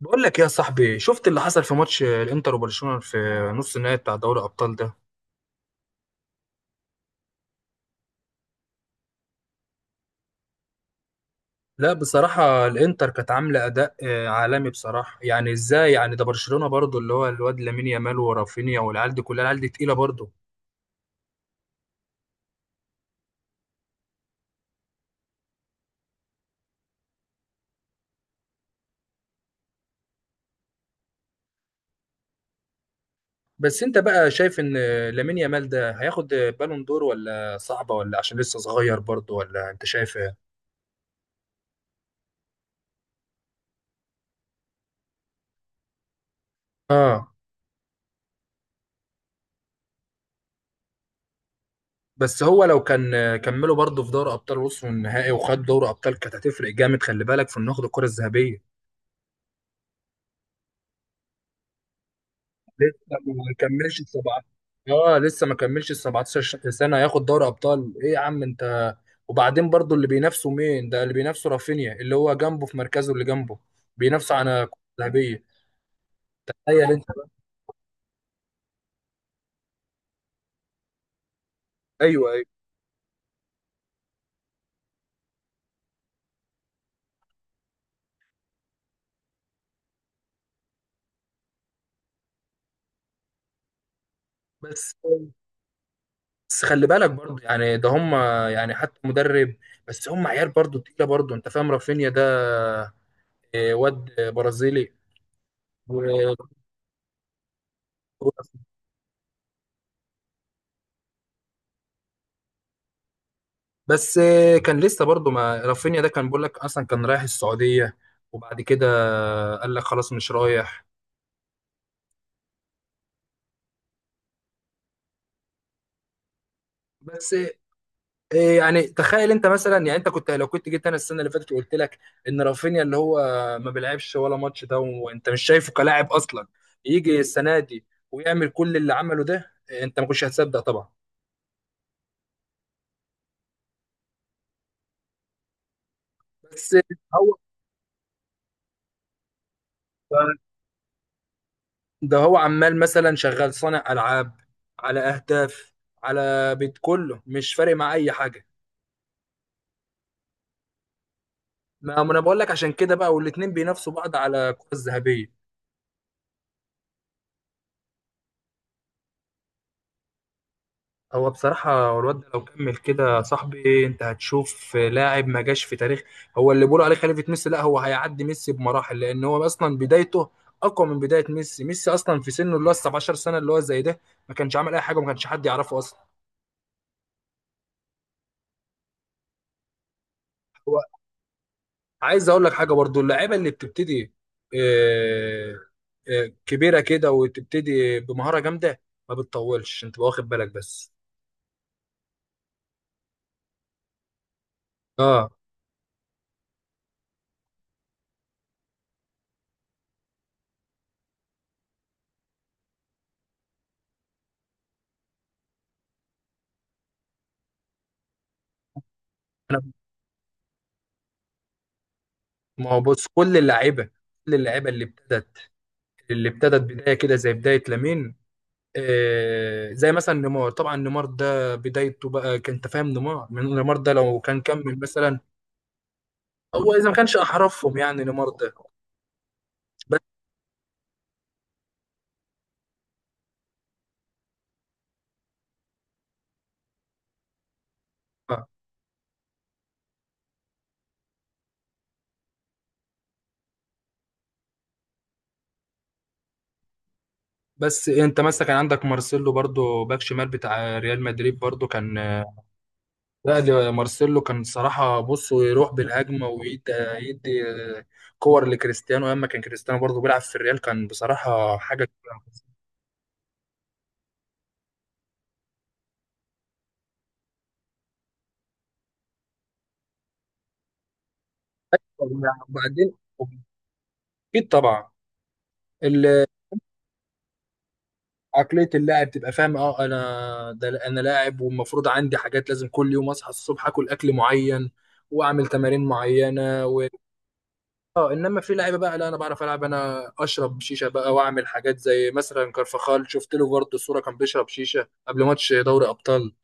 بقول لك يا صاحبي، شفت اللي حصل في ماتش الانتر وبرشلونة في نص النهائي بتاع دوري الابطال ده؟ لا، بصراحة الانتر كانت عاملة اداء عالمي بصراحة. يعني ازاي؟ يعني ده برشلونة برضو، اللي هو الواد لامين يامال ورافينيا، والعيال دي كلها، العيال دي تقيلة برضو. بس انت بقى شايف ان لامين يامال ده هياخد بالون دور، ولا صعبة، ولا عشان لسه صغير برضو، ولا انت شايف ايه؟ اه. بس هو لو كان كملوا برضو في دوري ابطال، وصلوا النهائي وخد دوري ابطال، كانت هتفرق جامد، خلي بالك في انه ياخد الكرة الذهبية. لسه ما كملش ال 17. اه، لسه ما كملش ال 17 سنه، ياخد دوري ابطال؟ ايه يا عم انت! وبعدين برضو، اللي بينافسه مين؟ ده اللي بينافسه رافينيا، اللي هو جنبه في مركزه اللي جنبه، بينافسه على كرة ذهبيه. تخيل انت بقى. ايوه، ايوه. بس بس خلي بالك برضو، يعني ده هم، يعني حتى مدرب، بس هم عيال برضو تقيله برضو. انت فاهم رافينيا ده؟ واد برازيلي. و- بس، كان لسه برضه، ما رافينيا ده كان بيقول لك اصلا كان رايح السعوديه، وبعد كده قال لك خلاص مش رايح. بس يعني تخيل انت مثلا، يعني انت كنت، لو كنت جيت انا السنه اللي فاتت وقلت لك ان رافينيا اللي هو ما بيلعبش ولا ماتش ده، وانت مش شايفه كلاعب اصلا، يجي السنه دي ويعمل كل اللي عمله ده، انت ما كنتش هتصدق طبعا. بس، هو ده، هو عمال مثلا شغال صانع العاب، على اهداف، على بيت كله، مش فارق مع اي حاجه. ما انا بقول لك، عشان كده بقى، والاتنين بينافسوا بعض على الكرة الذهبية. هو بصراحة، الواد ده لو كمل كده يا صاحبي، انت هتشوف لاعب ما جاش في تاريخ. هو اللي بيقولوا عليه خليفة ميسي، لا، هو هيعدي ميسي بمراحل، لان هو اصلا بدايته اقوى من بداية ميسي. ميسي اصلا في سنه اللي هو 17 سنة، اللي هو زي ده، ما كانش عامل اي حاجة، وما كانش حد يعرفه اصلا. هو عايز اقول لك حاجة برضو، اللعيبة اللي بتبتدي آه، كبيرة كده، وتبتدي بمهارة جامدة، ما بتطولش، انت واخد بالك؟ بس. اه، ما هو بص. كل اللعيبه اللي ابتدت بدايه كده، زي بدايه لامين، زي مثلا نيمار. طبعا نيمار ده بدايته بقى كان، انت فاهم نيمار، من نيمار ده لو كان كمل مثلا. هو اذا ما كانش احرفهم يعني، نيمار ده. بس بس انت مثلا كان عندك مارسيلو، برضو باك شمال بتاع ريال مدريد، برضو كان. لا، ده مارسيلو كان صراحه، بص ويروح بالهجمه، ويدي يدي آه، كور لكريستيانو. اما كان كريستيانو برضو بيلعب في الريال، كان بصراحه حاجه كبيرة. وبعدين، اكيد طبعا. ال- عقليه اللاعب تبقى فاهم، اه انا ده انا لاعب، والمفروض عندي حاجات لازم، كل يوم اصحى الصبح اكل اكل معين، واعمل تمارين معينه، و اه، انما في لعيبه بقى، لا انا بعرف العب، انا اشرب شيشه بقى، واعمل حاجات، زي مثلا كارفخال، شفت له برضه صوره كان بيشرب شيشه قبل ماتش دوري ابطال.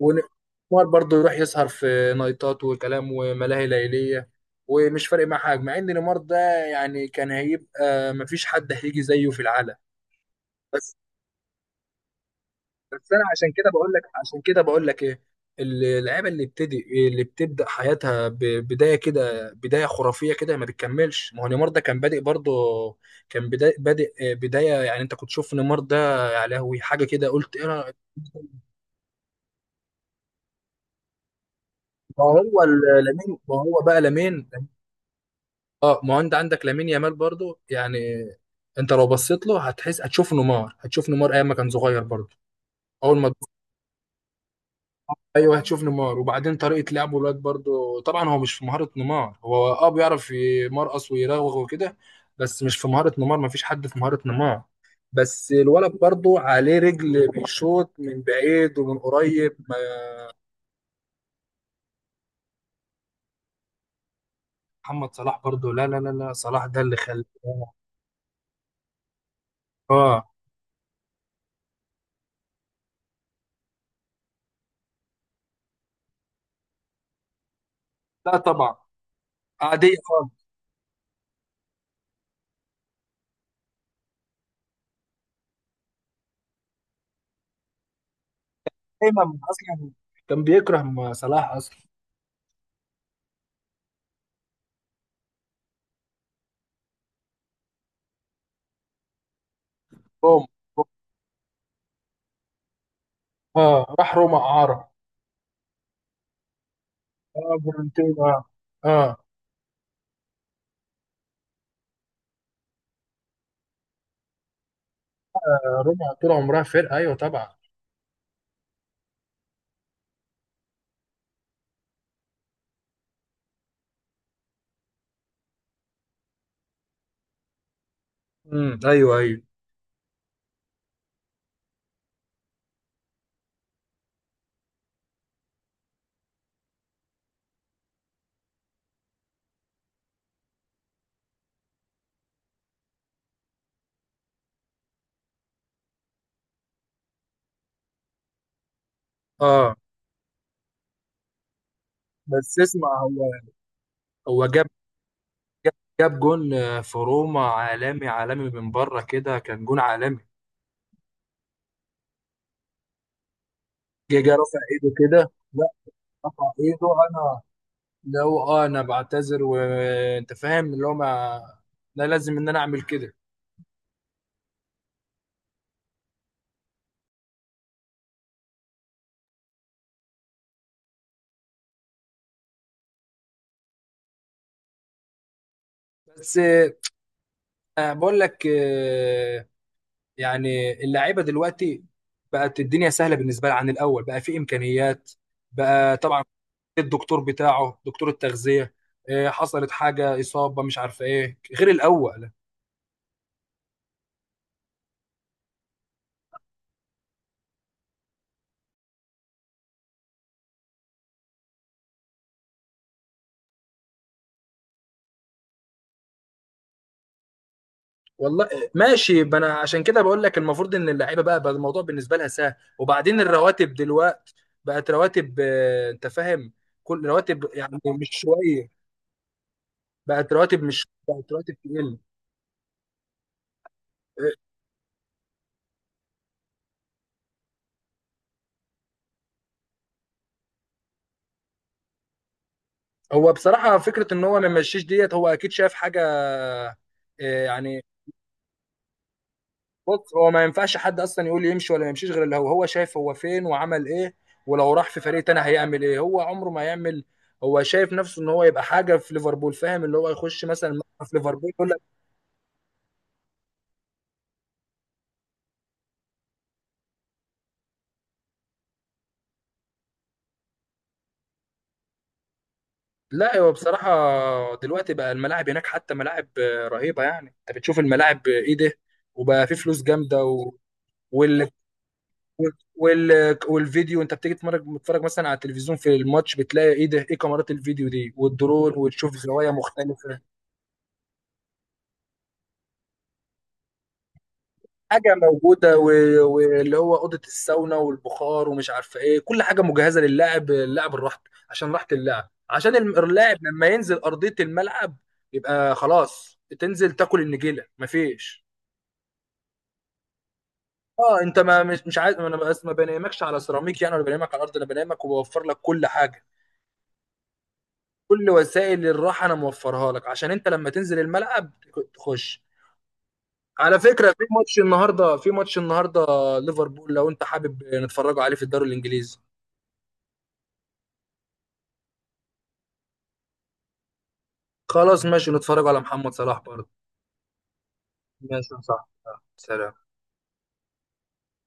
ونمار برضه يروح يسهر في نايتات وكلام وملاهي ليلية، ومش فارق معاه حاجة، مع ان نيمار ده يعني كان هيبقى مفيش حد هيجي زيه في العالم. بس بس انا، عشان كده بقول لك ايه. اللعيبه اللي بتبدا حياتها ببدايه كده، بدايه خرافيه كده، ما بتكملش. ما هو نيمار ده كان بادئ برضه، كان بدا بادئ بدايه، يعني انت كنت تشوف نيمار ده، يا لهوي حاجه كده، قلت ايه ما هو بقى لامين. اه، ما هو انت عندك لامين يامال برضو. يعني انت لو بصيت له، هتحس، هتشوف نيمار ايام ما كان صغير برضو، اول ما تبص- ايوه، هتشوف نيمار. وبعدين، طريقه لعبه الواد برضو طبعا هو مش في مهاره نيمار، هو بيعرف يمرقص ويراوغ وكده، بس مش في مهاره نيمار، ما فيش حد في مهاره نيمار. بس الولد برضو عليه رجل، بيشوط من بعيد ومن قريب، محمد صلاح برضو. لا لا لا لا، صلاح ده اللي خلاه. اه، لا طبعا عاديه. دايما اصلا كان بيكره صلاح اصلا. روما، اه، راح روما اعاره، اه فيورنتينا، اه، روما طول عمرها فرقه، ايوه طبعا، امم، ايوه ايوه. اه، بس اسمع، هو جاب جاب جون في روما، عالمي عالمي من بره كده، كان جون عالمي. جه رفع ايده كده، لا، رفع ايده. انا اللي هو، انا بعتذر، وانت فاهم اللي هو، ما انا لازم ان انا اعمل كده. بس، بقول لك يعني اللعيبه دلوقتي بقت الدنيا سهله بالنسبه لها عن الاول. بقى في امكانيات، بقى طبعا الدكتور بتاعه، دكتور التغذيه، إيه، حصلت حاجه اصابه مش عارفه ايه، غير الاول. والله، ماشي. ما انا عشان كده بقول لك، المفروض ان اللعيبه بقى الموضوع بالنسبه لها سهل. وبعدين الرواتب دلوقتي بقت رواتب، انت فاهم، كل رواتب، يعني مش شويه. بقت رواتب، مش بقت رواتب تقل. آه، هو بصراحه فكره ان هو ما يمشيش ديت، هو اكيد شاف حاجه. آه، يعني، بص هو ما ينفعش حد اصلا يقول لي يمشي ولا ما يمشيش، غير اللي هو، هو شايف هو فين وعمل ايه، ولو راح في فريق تاني هيعمل ايه، هو عمره ما يعمل. هو شايف نفسه ان هو يبقى حاجه في ليفربول، فاهم اللي هو يخش مثلا ملعب في ليفربول يقول لك. لا، هو بصراحه دلوقتي بقى الملاعب هناك حتى ملاعب رهيبه، يعني انت بتشوف الملاعب ايه ده! وبقى في فلوس جامده وال... والفيديو، انت بتيجي تتفرج مثلا على التلفزيون في الماتش، بتلاقي ايه ده، ايه كاميرات الفيديو دي والدرون، وتشوف زوايا مختلفه. حاجه موجوده، واللي هو اوضه الساونا والبخار ومش عارفه ايه، كل حاجه مجهزه للاعب، اللاعب الراحه، عشان راحه اللاعب، عشان اللاعب لما ينزل ارضيه الملعب، يبقى خلاص، تنزل تاكل النجيله، مفيش. اه، انت ما مش عايز. انا بس ما بنامكش على سيراميك يعني، ولا بنامك على الارض، انا بنامك وبوفر لك كل حاجه، كل وسائل الراحه انا موفرها لك، عشان انت لما تنزل الملعب تخش. على فكره، في ماتش النهارده ليفربول، لو انت حابب نتفرجوا عليه في الدوري الانجليزي. خلاص ماشي، نتفرج على محمد صلاح برضه. ماشي، صح. سلام.